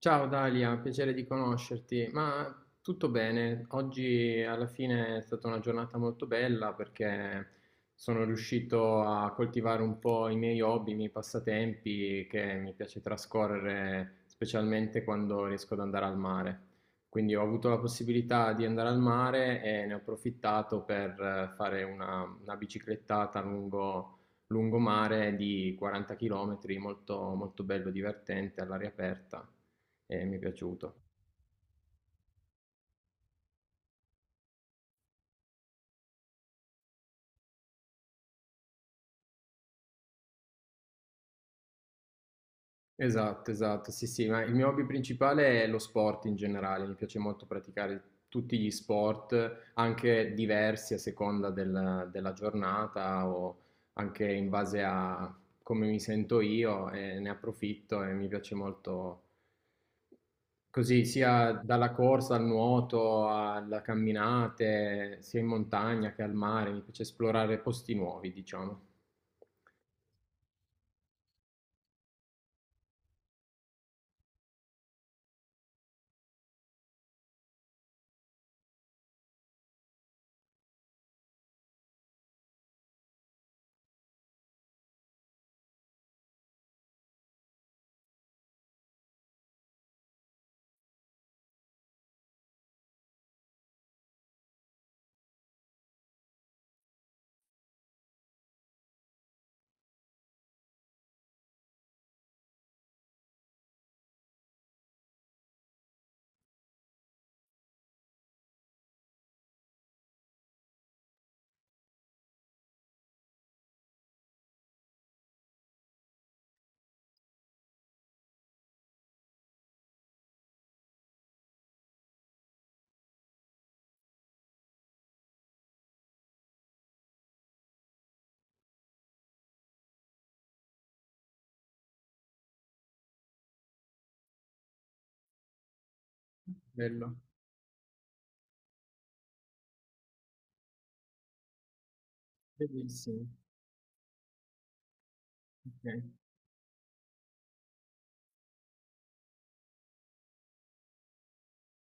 Ciao Dalia, piacere di conoscerti. Ma tutto bene, oggi alla fine è stata una giornata molto bella perché sono riuscito a coltivare un po' i miei hobby, i miei passatempi che mi piace trascorrere specialmente quando riesco ad andare al mare. Quindi ho avuto la possibilità di andare al mare e ne ho approfittato per fare una biciclettata lungomare di 40 km, molto, molto bello, divertente, all'aria aperta. E mi è piaciuto. Esatto, esatto, sì, sì, ma il mio hobby principale è lo sport in generale, mi piace molto praticare tutti gli sport, anche diversi a seconda della giornata o anche in base a come mi sento io e ne approfitto e mi piace molto così, sia dalla corsa al nuoto, alla camminate, sia in montagna che al mare, mi piace esplorare posti nuovi, diciamo. Bello, bellissimo. Ok.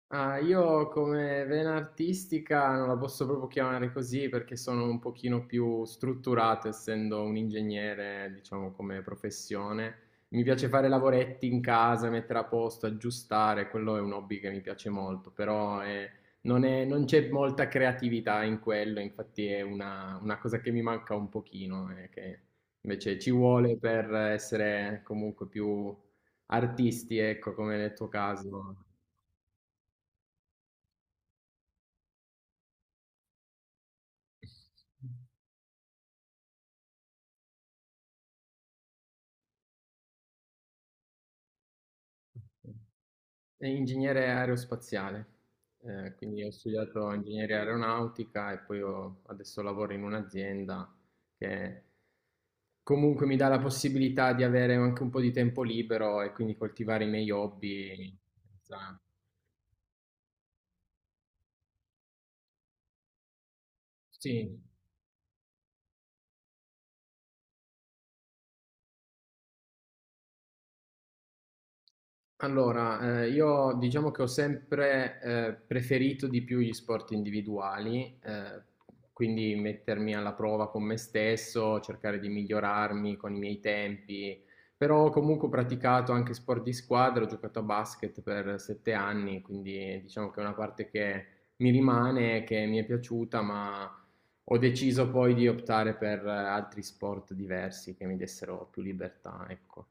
Ah, io come vena artistica non la posso proprio chiamare così perché sono un pochino più strutturato, essendo un ingegnere, diciamo, come professione. Mi piace fare lavoretti in casa, mettere a posto, aggiustare, quello è un hobby che mi piace molto, però non c'è molta creatività in quello, infatti è una cosa che mi manca un pochino, che invece ci vuole per essere comunque più artisti, ecco, come nel tuo caso. È ingegnere aerospaziale, quindi ho studiato ingegneria aeronautica e poi adesso lavoro in un'azienda che comunque mi dà la possibilità di avere anche un po' di tempo libero e quindi coltivare i miei hobby. Esatto. Sì, allora, io diciamo che ho sempre preferito di più gli sport individuali, quindi mettermi alla prova con me stesso, cercare di migliorarmi con i miei tempi, però ho comunque praticato anche sport di squadra, ho giocato a basket per 7 anni, quindi diciamo che è una parte che mi rimane, che mi è piaciuta, ma ho deciso poi di optare per altri sport diversi che mi dessero più libertà, ecco.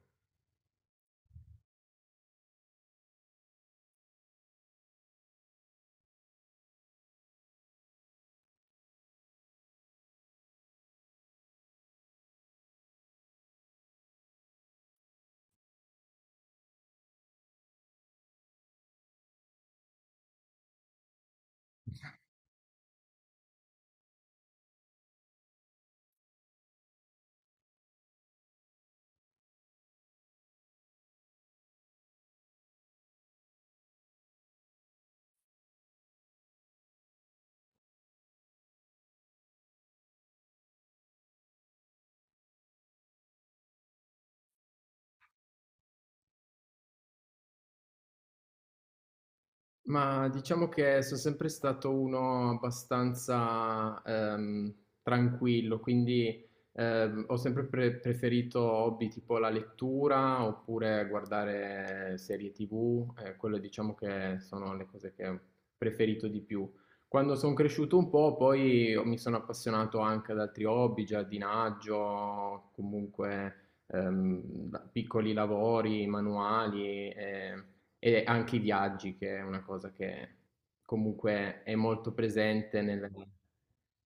Ma diciamo che sono sempre stato uno abbastanza tranquillo, quindi ho sempre preferito hobby tipo la lettura oppure guardare serie TV, quelle diciamo che sono le cose che ho preferito di più. Quando sono cresciuto un po', poi mi sono appassionato anche ad altri hobby, giardinaggio, comunque piccoli lavori, manuali. E anche i viaggi, che è una cosa che comunque è molto presente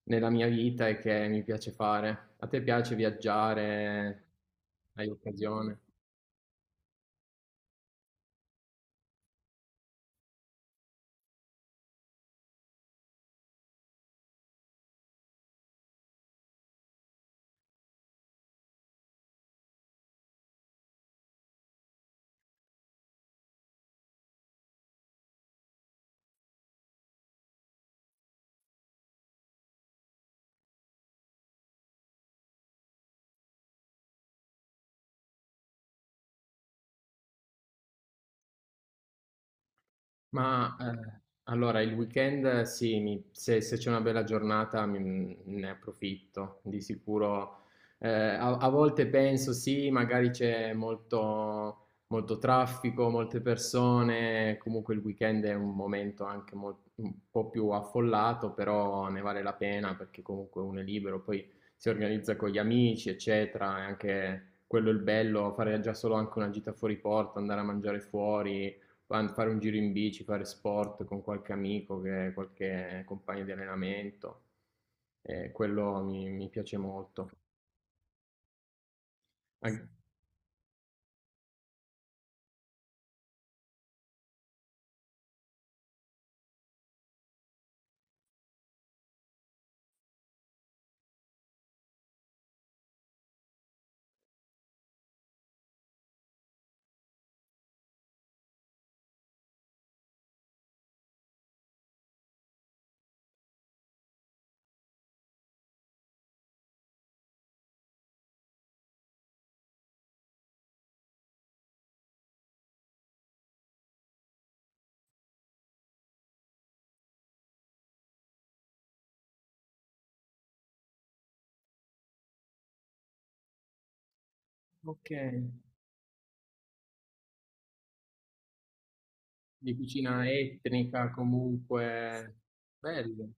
nella mia vita e che mi piace fare. A te piace viaggiare? Hai occasione? Ma allora il weekend sì, se c'è una bella giornata ne approfitto di sicuro. A volte penso sì, magari c'è molto, molto traffico, molte persone, comunque il weekend è un momento anche un po' più affollato, però ne vale la pena perché comunque uno è libero, poi si organizza con gli amici, eccetera, e anche quello è il bello, fare già solo anche una gita fuori porta, andare a mangiare fuori. Fare un giro in bici, fare sport con qualche amico, qualche compagno di allenamento, quello mi piace molto. An- Ok. Di cucina etnica comunque, bello.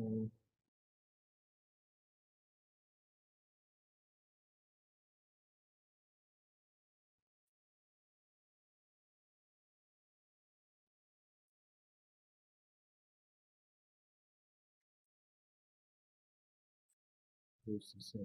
Mm, giusto, sì,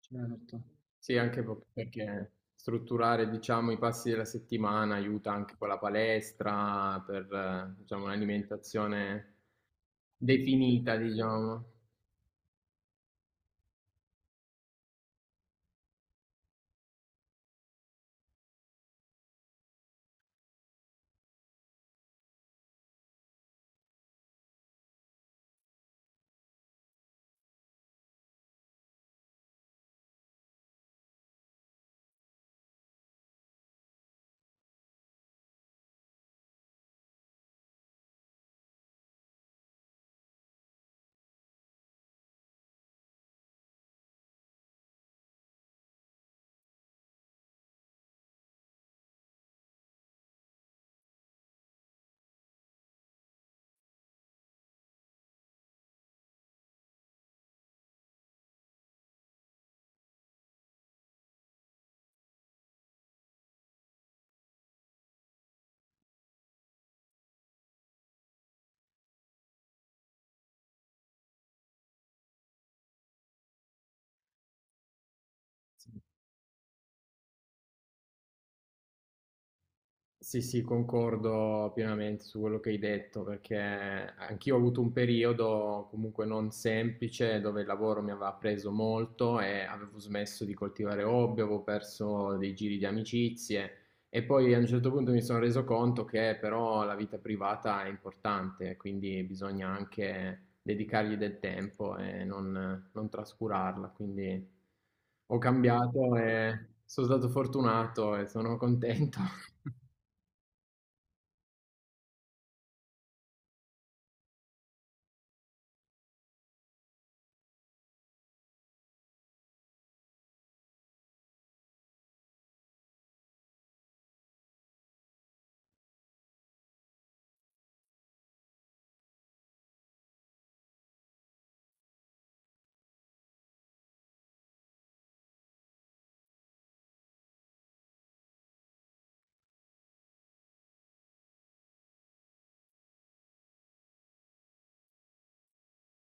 certo. Sì, anche perché strutturare, diciamo, i passi della settimana aiuta anche con la palestra per, diciamo, un'alimentazione definita, diciamo. Sì, sì, concordo pienamente su quello che hai detto, perché anch'io ho avuto un periodo comunque non semplice dove il lavoro mi aveva preso molto e avevo smesso di coltivare hobby, avevo perso dei giri di amicizie e poi a un certo punto mi sono reso conto che però la vita privata è importante, quindi bisogna anche dedicargli del tempo e non trascurarla, quindi ho cambiato e sono stato fortunato e sono contento.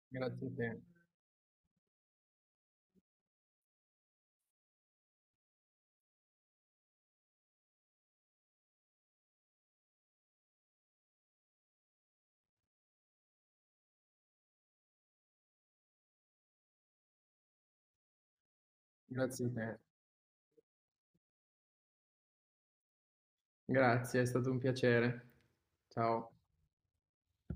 Grazie a te, grazie a te. Grazie, è stato un piacere. Ciao.